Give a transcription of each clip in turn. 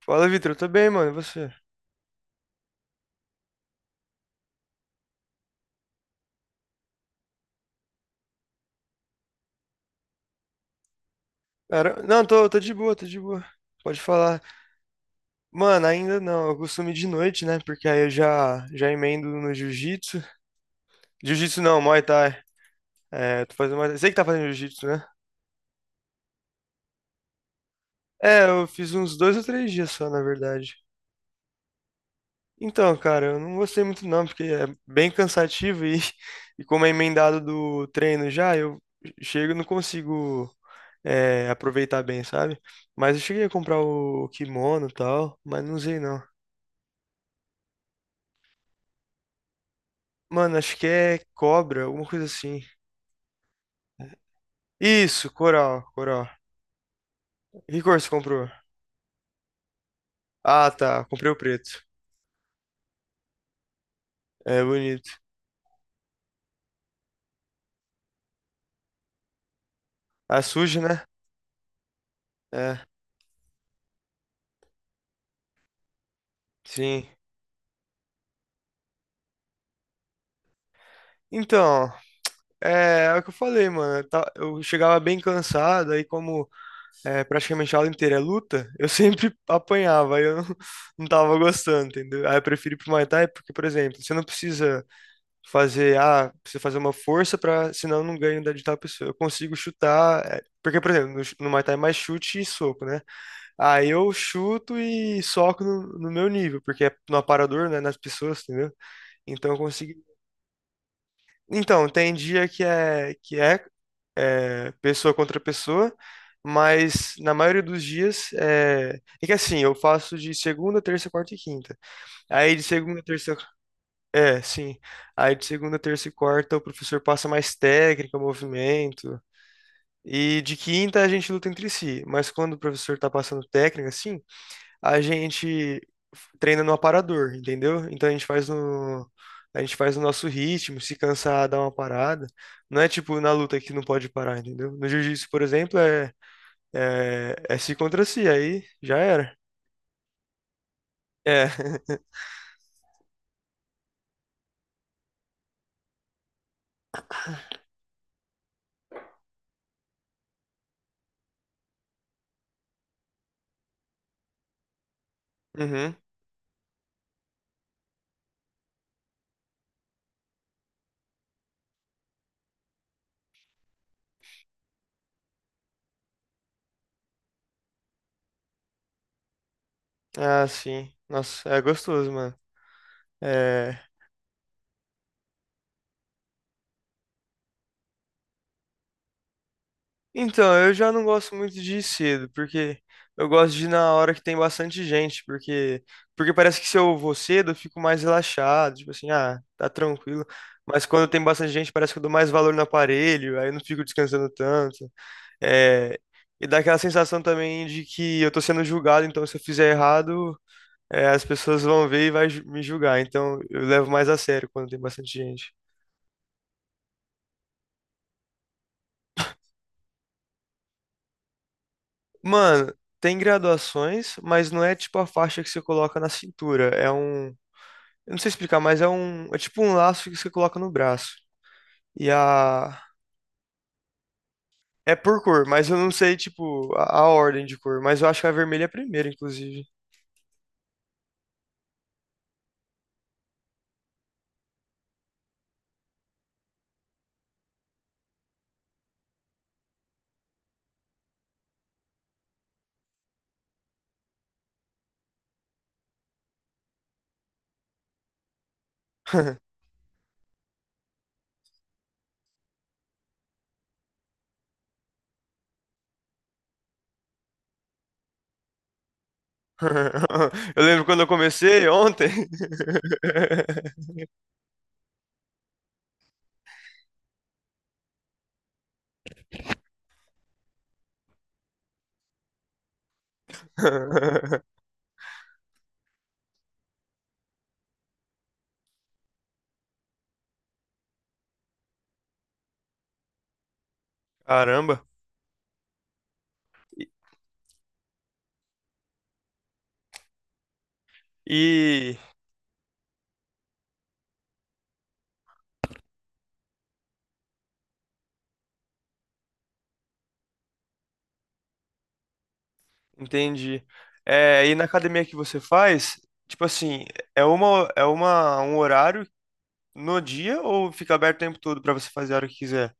Fala, Vitor. Eu tô bem, mano. E você? Cara, não, tô de boa, tô de boa. Pode falar. Mano, ainda não. Eu costumo ir de noite, né? Porque aí eu já emendo no jiu-jitsu. Jiu-jitsu não, Muay Thai. É, tô fazendo Muay Thai. Sei que tá fazendo jiu-jitsu, né? É, eu fiz uns dois ou três dias só, na verdade. Então, cara, eu não gostei muito não, porque é bem cansativo e, e como é emendado do treino já, eu chego e não consigo aproveitar bem, sabe? Mas eu cheguei a comprar o kimono e tal, mas não usei não. Mano, acho que é cobra, alguma coisa assim. Isso, coral, coral. Que cor você comprou? Ah, tá. Comprei o preto. É bonito. Ah, é sujo, né? É, sim. Então, é o que eu falei, mano. Eu chegava bem cansado, aí como praticamente a aula inteira é luta, eu sempre apanhava, aí eu não, não tava gostando, entendeu? Aí eu prefiro ir pro Muay Thai porque, por exemplo, você não precisa fazer, ah, preciso fazer uma força para, senão eu não ganho da de tal pessoa. Eu consigo chutar, é, porque, por exemplo, no Muay Thai é mais chute e soco, né? Aí eu chuto e soco no meu nível, porque é no aparador, né, nas pessoas, entendeu? Então eu consigo. Então, tem dia que é pessoa contra pessoa, mas na maioria dos dias é que assim, eu faço de segunda, terça, quarta e quinta. Aí de segunda, terça, é, sim. Aí de segunda, terça e quarta o professor passa mais técnica, movimento. E de quinta a gente luta entre si. Mas quando o professor tá passando técnica, assim, a gente treina no aparador, entendeu? Então a gente faz no. A gente faz o nosso ritmo, se cansar, dá uma parada. Não é tipo na luta que não pode parar, entendeu? No jiu-jitsu, por exemplo, é si contra si, aí já era. É. Uhum. Ah, sim. Nossa, é gostoso, mano. É, então, eu já não gosto muito de ir cedo, porque eu gosto de ir na hora que tem bastante gente, porque parece que se eu vou cedo, eu fico mais relaxado, tipo assim, ah, tá tranquilo. Mas quando tem bastante gente, parece que eu dou mais valor no aparelho, aí eu não fico descansando tanto. É, e dá aquela sensação também de que eu tô sendo julgado, então se eu fizer errado, as pessoas vão ver e me julgar. Então, eu levo mais a sério quando tem bastante gente. Mano, tem graduações, mas não é tipo a faixa que você coloca na cintura. É um. Eu não sei explicar, mas é um. É tipo um laço que você coloca no braço. E a. É por cor, mas eu não sei, tipo, a ordem de cor. Mas eu acho que a vermelha é a primeira, inclusive. Eu lembro quando eu comecei ontem. Caramba. E, e- entendi. É, e na academia que você faz, tipo assim, é um horário. No dia ou fica aberto o tempo todo pra você fazer a hora que quiser?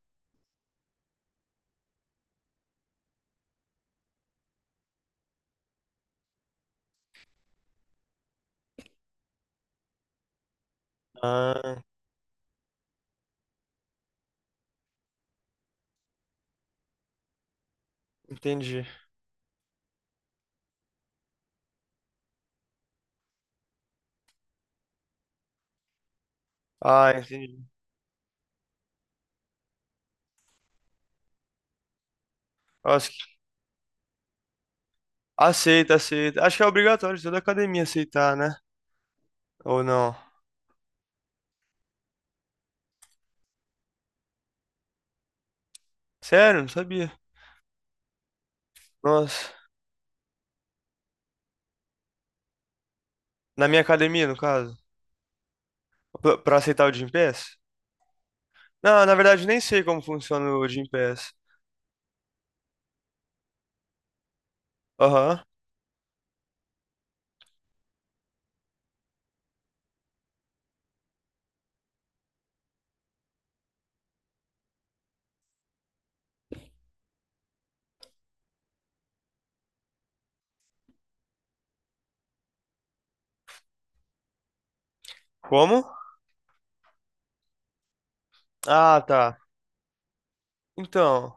Ah, entendi. Ah, entendi. Nossa, que- aceita, aceita. Acho que é obrigatório toda academia aceitar, né? Ou não? Sério? Não sabia. Nossa. Na minha academia, no caso? Pra aceitar o Gympass? Não, na verdade, nem sei como funciona o Gympass. Aham. Como? Ah, tá. Então,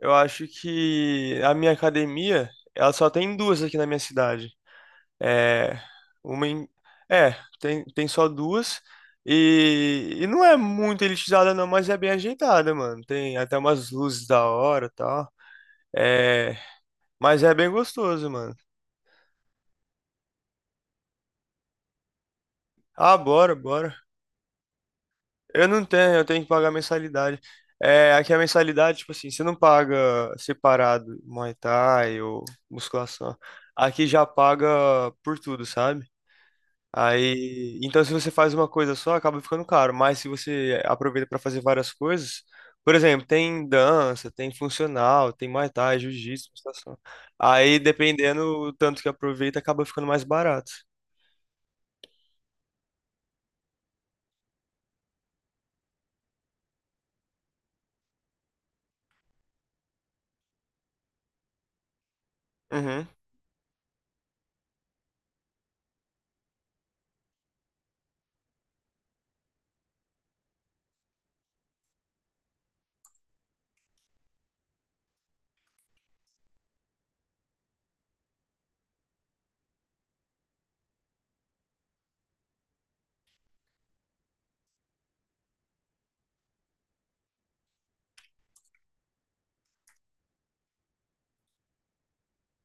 eu acho que a minha academia, ela só tem duas aqui na minha cidade. É, uma em- é, tem, tem só duas. E não é muito elitizada, não, mas é bem ajeitada, mano. Tem até umas luzes da hora e tal. É, mas é bem gostoso, mano. Ah, bora, bora. Eu não tenho, eu tenho que pagar mensalidade. É, aqui a mensalidade, tipo assim, você não paga separado Muay Thai ou musculação. Aqui já paga por tudo, sabe? Aí, então se você faz uma coisa só, acaba ficando caro, mas se você aproveita para fazer várias coisas, por exemplo, tem dança, tem funcional, tem Muay Thai, jiu-jitsu, musculação. Aí, dependendo o tanto que aproveita, acaba ficando mais barato. Uhum.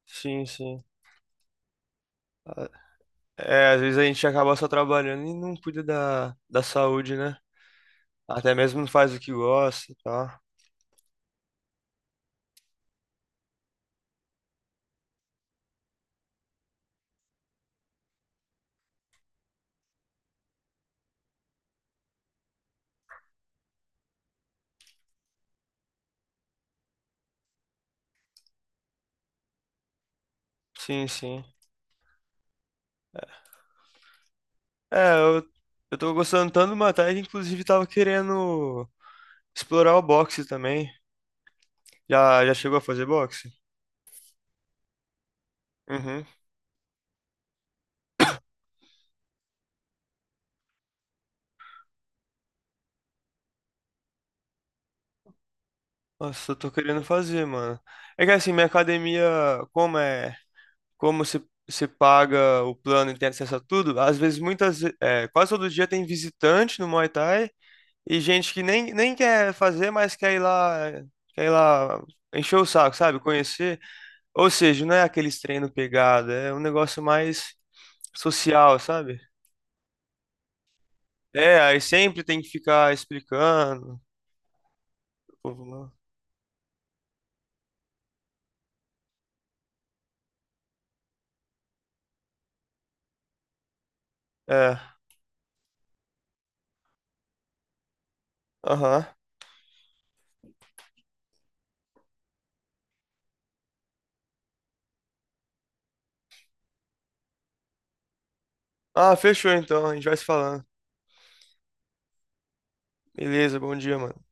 Sim, sim. Ah, é, às vezes a gente acaba só trabalhando e não cuida da saúde, né? Até mesmo não faz o que gosta e tal. Sim, sim. É, eu tô gostando tanto do Muay Thai, que inclusive tava querendo explorar o boxe também. Já chegou a fazer boxe? Uhum. Nossa, eu tô querendo fazer, mano. É que assim, minha academia, como é, como se paga o plano e tem acesso a tudo, às vezes muitas, ve- é, quase todo dia tem visitante no Muay Thai e gente que nem, nem quer fazer, mas quer ir lá encher o saco, sabe? Conhecer. Ou seja, não é aqueles treino pegado, é um negócio mais social, sabe? É, aí sempre tem que ficar explicando pro povo lá. É. Aham. Ah, fechou então. A gente vai se falando. Beleza, bom dia, mano.